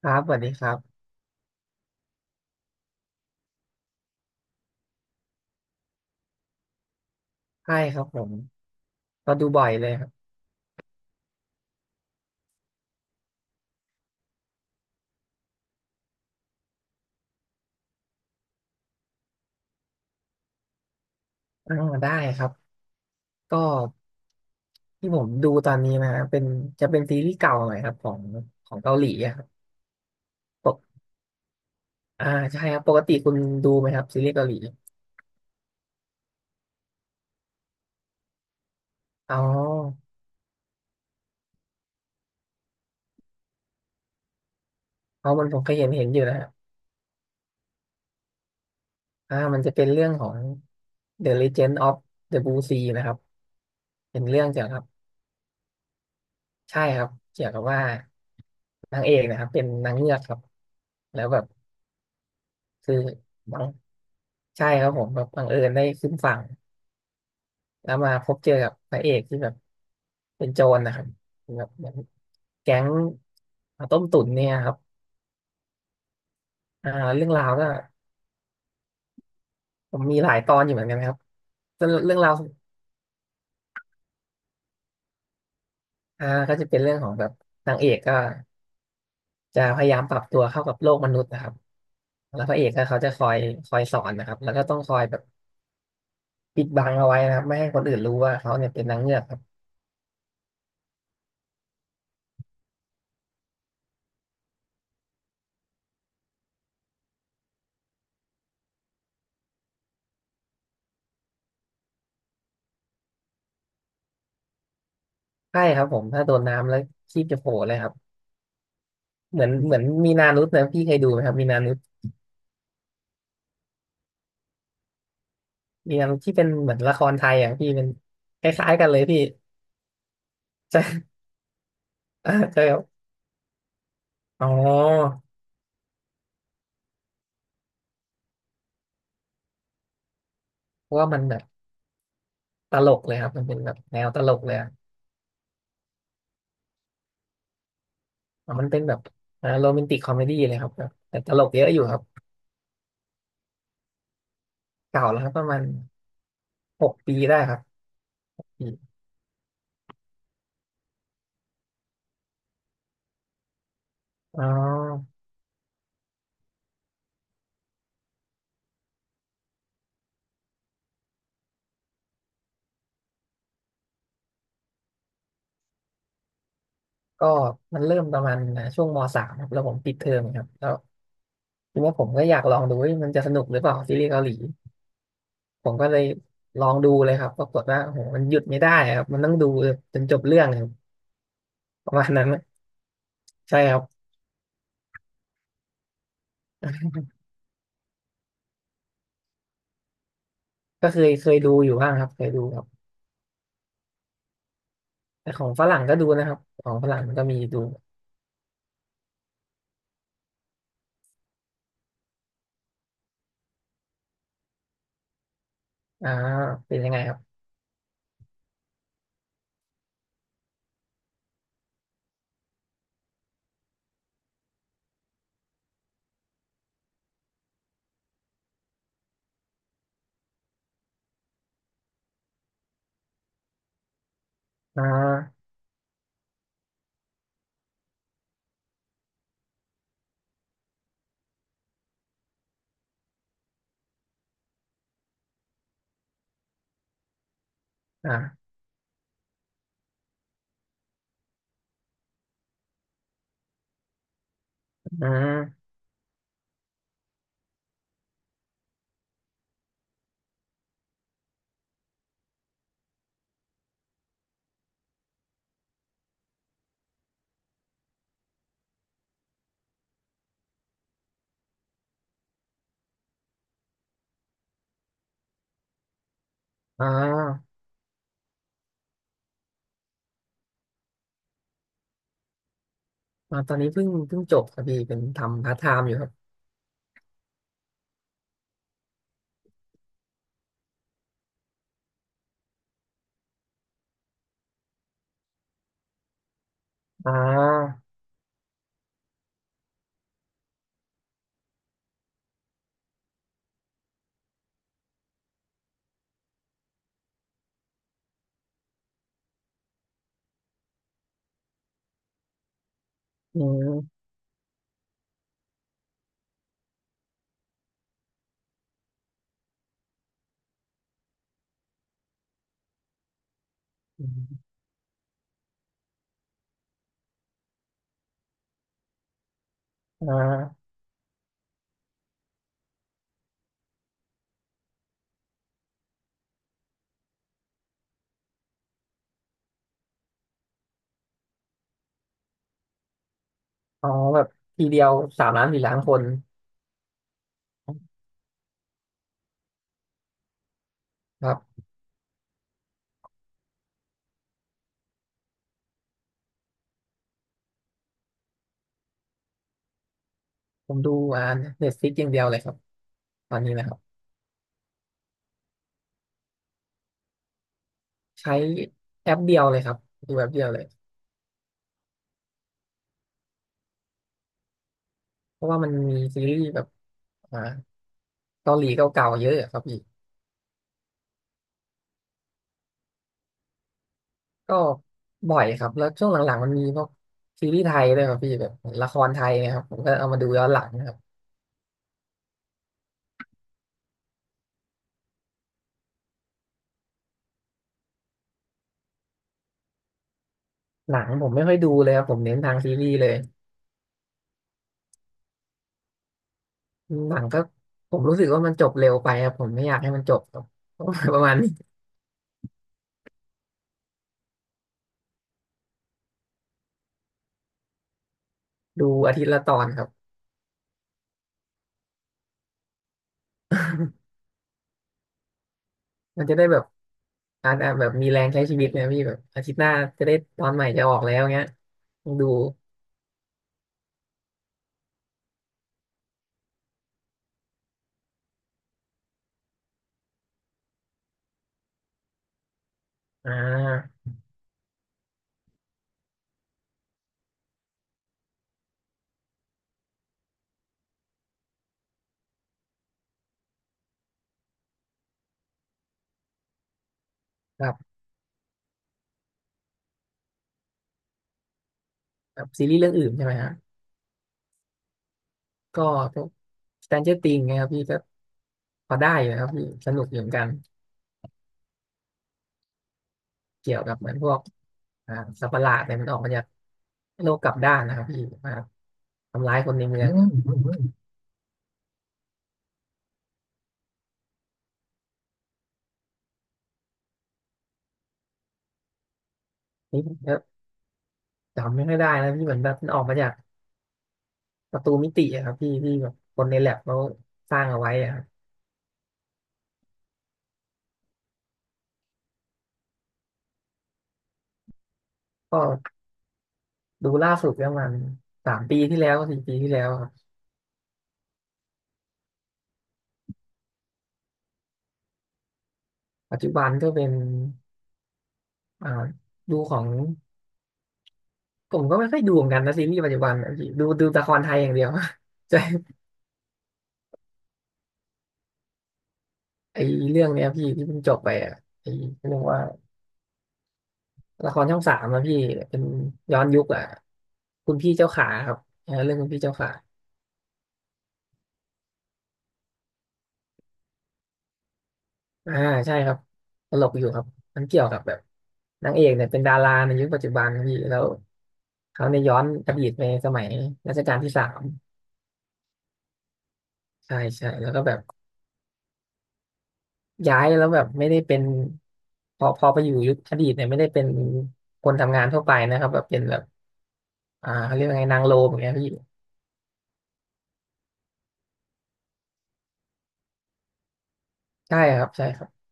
ครับสวัสดีครับใช่ครับผมก็ดูบ่อยเลยครับอ่าได้ครับก็ที่ผมดูตอนนี้นะฮะเป็นจะเป็นซีรีส์เก่าหน่อยครับของของเกาหลีอะครับปกอ่าใช่ครับปกติคุณดูไหมครับซีรีส์เกาหลีอ๋อเอามันผมเคยเห็นอยู่นะฮะมันจะเป็นเรื่องของ The Legend of the Blue Sea นะครับเป็นเรื่องเกี่ยวกับใช่ครับเกี่ยวกับว่านางเอกนะครับเป็นนางเงือกครับแล้วแบบคือบังใช่ครับผมแบบบังเอิญได้ขึ้นฝั่ง แล้วมาพบเจอกับพระเอกที่แบบเป็นโจรนะครับแบบเหมือนแก๊งต้มตุ๋นเนี่ยครับอ่าเรื่องราวก็ผมมีหลายตอนอยู่เหมือนกันนะครับส่วนเรื่องราวก็จะเป็นเรื่องของแบบนางเอกก็จะพยายามปรับตัวเข้ากับโลกมนุษย์นะครับแล้วพระเอกก็เขาจะคอยสอนนะครับแล้วก็ต้องคอยแบบปิดบังเอาไว้นะครับไม่ให้คนอื่นรู้ว่าเขาเนี่ยเป็นนางเงือกครับใช่ครับผมถ้าโดนน้ำแล้วชีพจะโผล่เลยครับเหมือนมีนานุษย์นะพี่เคยดูไหมครับมีนานุษย์ เรียมที่เป็นเหมือนละครไทยอ่ะพี่เป็นคล้ายๆกันเลยพี่ ใช่เออจะแบบอ๋อเพราะว่ามันแบบตลกเลยครับมันเป็นแบบแนวตลกเลยอะอ่ะมันเป็นแบบโรแมนติกคอมเมดี้เลยครับแบบแต่ตลกเยอะอยู่ครับเก่าแล้วครับประมาณ6 ปีได้ครับพี่อ๋อก็มันเริ่มประมาณช่วงมสามครับแล้วผมปิดเทอมครับแล้วทีนี้ผมก็อยากลองดูว่ามันจะสนุกหรือเปล่าซีรีส์เกาหลีผมก็เลยลองดูเลยครับปรากฏว่าโอ้โหมันหยุดไม่ได้ครับมันต้องดูจนจบเรื่องเลยครับประมาณนั้น ใช่ครับก็เคยดูอยู่บ้างครับเคยดูครับแต่ของฝรั่งก็ดูนะครับของฝรั่งมันก็มีดูอ่าเป็นยังไงครับอ่าอ่าอ่าอ่าตอนนี้เพิ่งจบครับพี่เป็นทำพาร์ทไทม์อยู่ครับอ่าอืมอมอ่าอ๋อแบบทีเดียว3 ล้าน4 ล้านคนครับผมดูอ่าเน็ตฟลิกอย่างเดียวเลยครับตอนนี้นะครับใช้แอปเดียวเลยครับดูแอปเดียวเลยเพราะว่ามันมีซีรีส์แบบอ่าเกาหลีเก่าๆเยอะอะครับพี่ ก็บ่อยครับแล้วช่วงหลังๆมันมีพวกซีรีส์ไทยด้วยครับพี่แบบละครไทยเนะครับผมก็เอามาดูย้อนหลังนะครับหนังผมไม่ค่อยดูเลยครับผมเน้นทางซีรีส์เลยหนังก็ผมรู้สึกว่ามันจบเร็วไปครับผมไม่อยากให้มันจบครับ ประมาณนี้ดูอาทิตย์ละตอนครับมันจะได้แบบอาจจะแบบมีแรงใช้ชีวิตนะพี่แบบอาทิตย์หน้าจะได้ตอนใหม่จะออกแล้วเงี้ยต้องดูอ่าแบบแบบซีรีส์เรื่องอื่นใช่ไหมฮะก็พวก Stranger Things นะครับพี่ก็พอได้อยู่นะครับพี่สนุกอยู่เหมือนกัน เกี่ยวกับเหมือนพวกอ่าสัตว์ประหลาดเนี่ยมันออกมาจากโลกกลับด้านนะครับพี่มาทำร้ายคนในเมืองนี่ก็จำไม่ค่อยได้แล้วพี่เหมือนแบบมันออกมาจากประตูมิติอะครับพี่ที่แบบคนในแลบเขาสร้างเอาไว้อะครับก็ดูล่าสุดประมัน3 ปีที่แล้ว4 ปีที่แล้วครับปัจจุบันก็เป็นอ่าดูของผมก็ไม่ค่อยดูเหมือนกันนะซีรีส์ปัจจุบันอะพี่ดูละครไทยอย่างเดียว ใช่ไอเรื่องเนี้ยพี่ที่เพิ่งจบไปอะไอเรื่องว่า ละครช่องสามอะพี่เป็นย้อนยุคอะคุณพี่เจ้าขาครับเออเรื่องคุณพี่เจ้าขาอ่าใช่ครับตลกอยู่ครับมันเกี่ยวกับแบบนางเอกเนี่ยเป็นดาราในยุคปัจจุบันครับพี่แล้วเขาในยย้อนอดีตไปสมัยรัชกาลที่ 3ใช่ใช่แล้วก็แบบย้ายแล้วแบบไม่ได้เป็นพอไปอยู่ยุคอดีตเนี่ยไม่ได้เป็นคนทำงานทั่วไปนะครับแบบเป็นแบบเขาเรียกว่าไงนางโลมอย่างเงี้ยพี่ใช่ครับใช่ครับ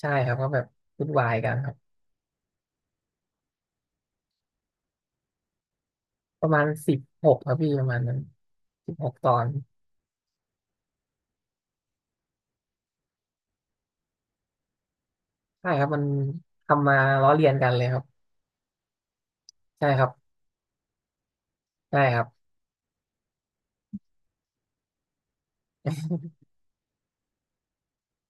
ใช่ครับก็แบบวุ่นวายกันครับ ประมาณ16ครับพี่ประมาณนั้น16 ตอนใช่ครับมันทำมาล้อเลียนกันเลยครับใช่ครับใช่ครับ